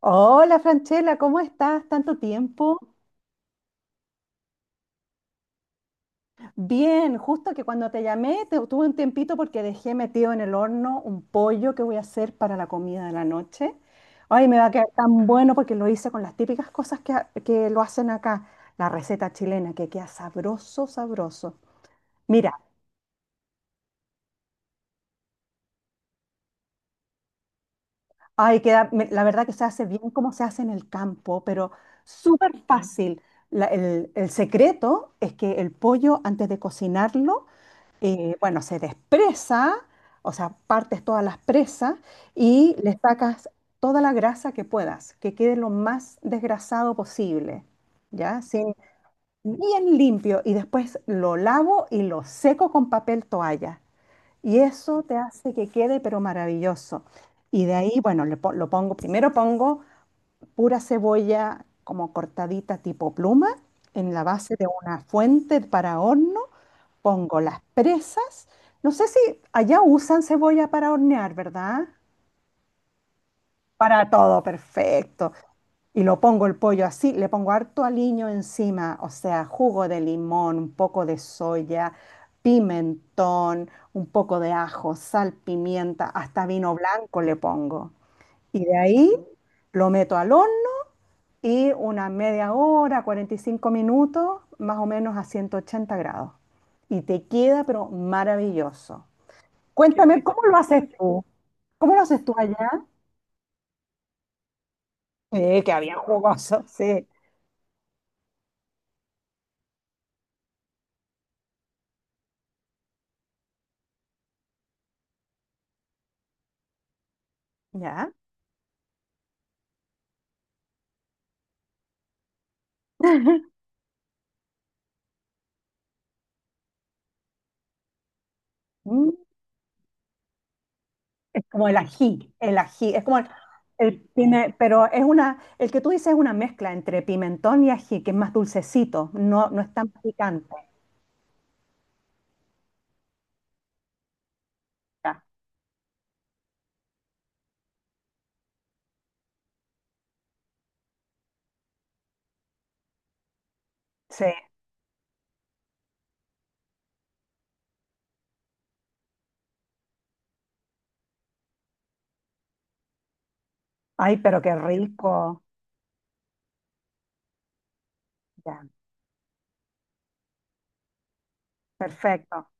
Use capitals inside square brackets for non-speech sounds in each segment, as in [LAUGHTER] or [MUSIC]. Hola Franchela, ¿cómo estás? ¿Tanto tiempo? Bien, justo que cuando te llamé tuve un tiempito porque dejé metido en el horno un pollo que voy a hacer para la comida de la noche. Ay, me va a quedar tan bueno porque lo hice con las típicas cosas que, que lo hacen acá, la receta chilena, que queda sabroso, sabroso. Mira, ay, queda, la verdad que se hace bien como se hace en el campo, pero súper fácil. El secreto es que el pollo, antes de cocinarlo, bueno, se despresa, o sea, partes todas las presas y le sacas toda la grasa que puedas, que quede lo más desgrasado posible, ¿ya? Sin, bien limpio y después lo lavo y lo seco con papel toalla. Y eso te hace que quede pero maravilloso. Y de ahí, bueno, lo pongo, primero pongo pura cebolla como cortadita tipo pluma en la base de una fuente para horno. Pongo las presas. No sé si allá usan cebolla para hornear, ¿verdad? Para todo, perfecto. Y lo pongo el pollo así, le pongo harto aliño encima, o sea, jugo de limón, un poco de soya, pimentón, un poco de ajo, sal, pimienta, hasta vino blanco le pongo. Y de ahí lo meto al horno y una media hora, 45 minutos, más o menos a 180 grados. Y te queda, pero maravilloso. Cuéntame, ¿cómo lo haces tú? ¿Cómo lo haces tú allá? Que había jugoso, sí. ¿Ya? [LAUGHS] Mm, es como el ají, es como el, pero es una, el que tú dices es una mezcla entre pimentón y ají, que es más dulcecito, no, no es tan picante. Ya, sí, ay, pero qué rico. Ya, perfecto,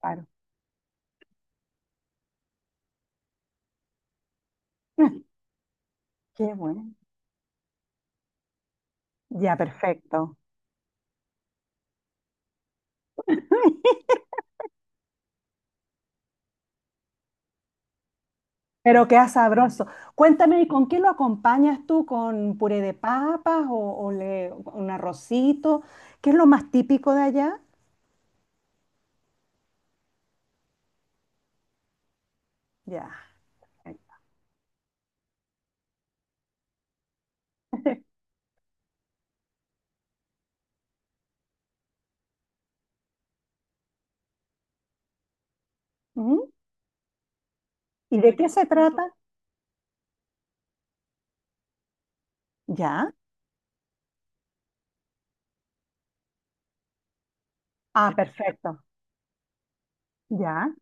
claro. [LAUGHS] Qué bueno. Ya, perfecto. Pero queda sabroso. Cuéntame, ¿y con qué lo acompañas tú? ¿Con puré de papas o, un arrocito? ¿Qué es lo más típico de allá? Ya. [LAUGHS] ¿Mm? ¿Y de qué se trata? Ya. Ah, perfecto. Ya,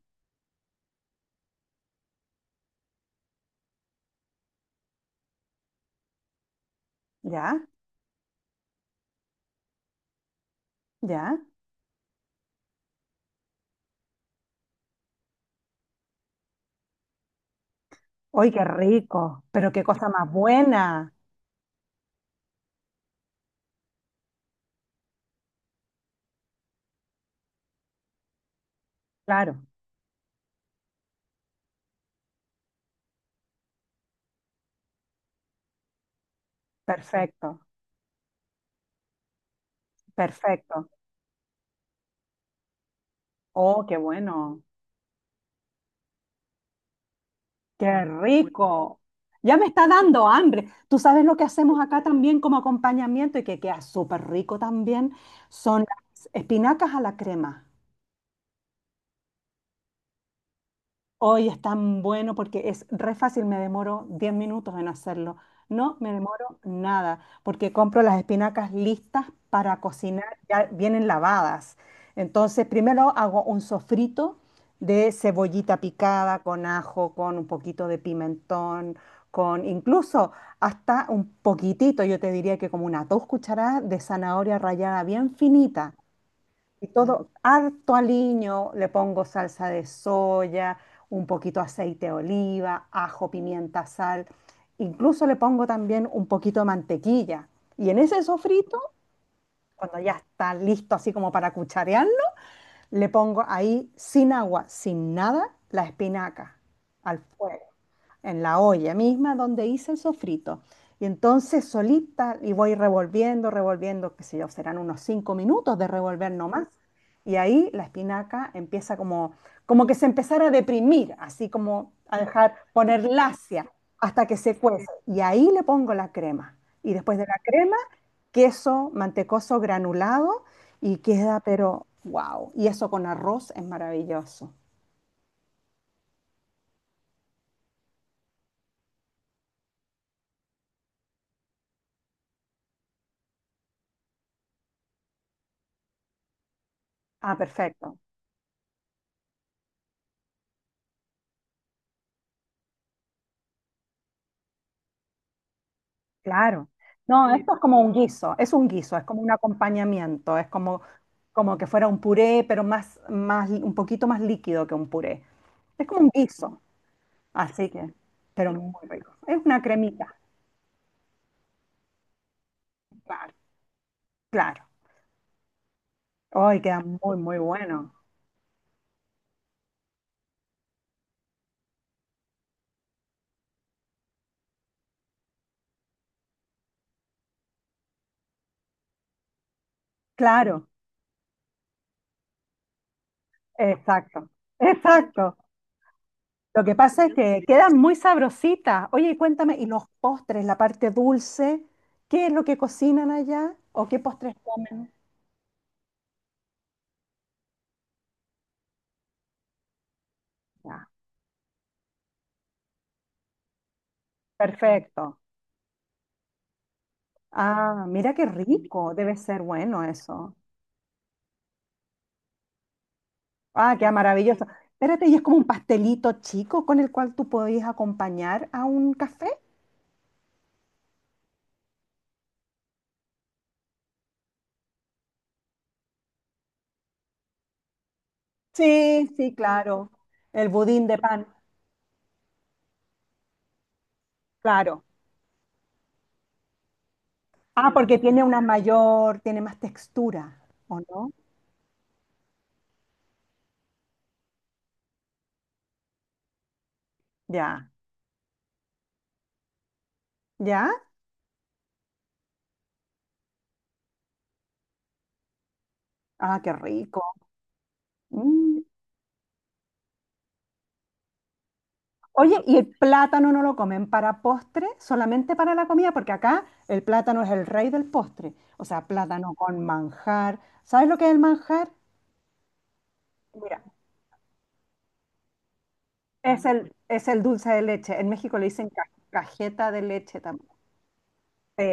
ya, ya. ¡Uy, qué rico! Pero qué cosa más buena. Claro, perfecto, perfecto. Oh, qué bueno. Qué rico. Ya me está dando hambre. Tú sabes lo que hacemos acá también como acompañamiento y que queda súper rico también, son las espinacas a la crema. Hoy es tan bueno porque es re fácil, me demoro 10 minutos en hacerlo. No me demoro nada, porque compro las espinacas listas para cocinar, ya vienen lavadas. Entonces, primero hago un sofrito de cebollita picada con ajo, con un poquito de pimentón, con incluso hasta un poquitito, yo te diría que como una 2 cucharadas de zanahoria rallada bien finita. Y todo, harto aliño, le pongo salsa de soya, un poquito aceite de oliva, ajo, pimienta, sal. Incluso le pongo también un poquito de mantequilla. Y en ese sofrito, cuando ya está listo así como para cucharearlo, le pongo ahí sin agua, sin nada, la espinaca al fuego en la olla misma donde hice el sofrito. Y entonces solita y voy revolviendo, revolviendo, qué sé yo, serán unos 5 minutos de revolver nomás. Y ahí la espinaca empieza como, como que se empezara a deprimir, así como a dejar poner lacia hasta que se cuece. Y ahí le pongo la crema. Y después de la crema, queso mantecoso granulado y queda, pero wow. Y eso con arroz es maravilloso. Ah, perfecto. Claro. No, esto es como un guiso, es como un acompañamiento, es como, como que fuera un puré, pero más, más, un poquito más líquido que un puré. Es como un guiso, así que, pero muy rico. Es una cremita, claro, claro. Ay, queda muy, muy bueno. Claro, exacto, exacto. Lo que pasa es que quedan muy sabrositas. Oye, y cuéntame, ¿y los postres, la parte dulce? ¿Qué es lo que cocinan allá o qué postres comen? Ya, perfecto. Ah, mira qué rico, debe ser bueno eso. Ah, qué maravilloso. Espérate, ¿y es como un pastelito chico con el cual tú podías acompañar a un café? Sí, sí, claro. El budín de pan, claro. Ah, porque tiene una mayor, tiene más textura, ¿o no? Ya, ya. Ah, qué rico. Mm. Oye, ¿y el plátano no lo comen para postre? Solamente para la comida, porque acá el plátano es el rey del postre. O sea, plátano con manjar. ¿Sabes lo que es el manjar? Mira, es el dulce de leche. En México le dicen cajeta de leche también. Sí,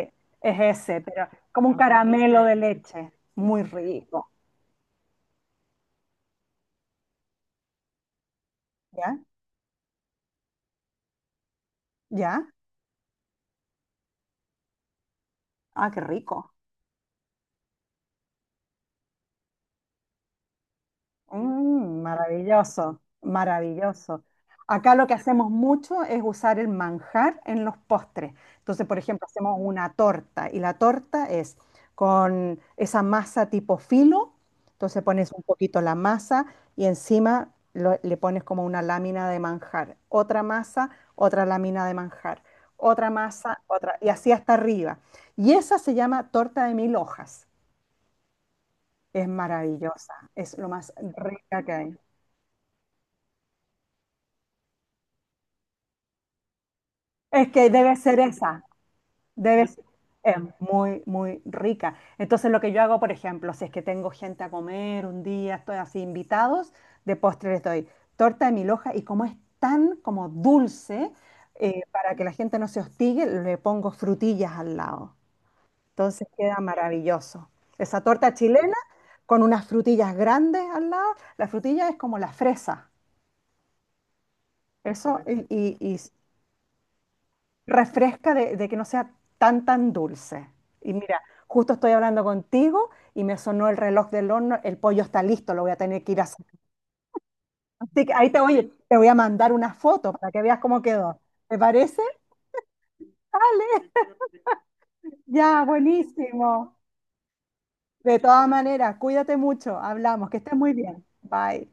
es ese, pero como un caramelo de leche. Muy rico. ¿Ya? ¿Ya? Ah, qué rico. Mm, maravilloso, maravilloso. Acá lo que hacemos mucho es usar el manjar en los postres. Entonces, por ejemplo, hacemos una torta y la torta es con esa masa tipo filo. Entonces pones un poquito la masa y encima le pones como una lámina de manjar. Otra masa, otra lámina de manjar. Otra masa, otra. Y así hasta arriba. Y esa se llama torta de mil hojas. Es maravillosa. Es lo más rica que hay. Es que debe ser esa, debe ser, es muy, muy rica. Entonces lo que yo hago, por ejemplo, si es que tengo gente a comer un día, estoy así invitados, de postre les doy torta de mil hojas y como es tan como dulce, para que la gente no se hostigue, le pongo frutillas al lado. Entonces queda maravilloso. Esa torta chilena con unas frutillas grandes al lado, la frutilla es como la fresa. Eso, y, y refresca de que no sea tan, tan dulce. Y mira, justo estoy hablando contigo y me sonó el reloj del horno, el pollo está listo, lo voy a tener que ir a hacer. Así que ahí te voy a mandar una foto para que veas cómo quedó. ¿Te parece? Vale, ya, buenísimo. De todas maneras, cuídate mucho, hablamos, que estés muy bien. Bye.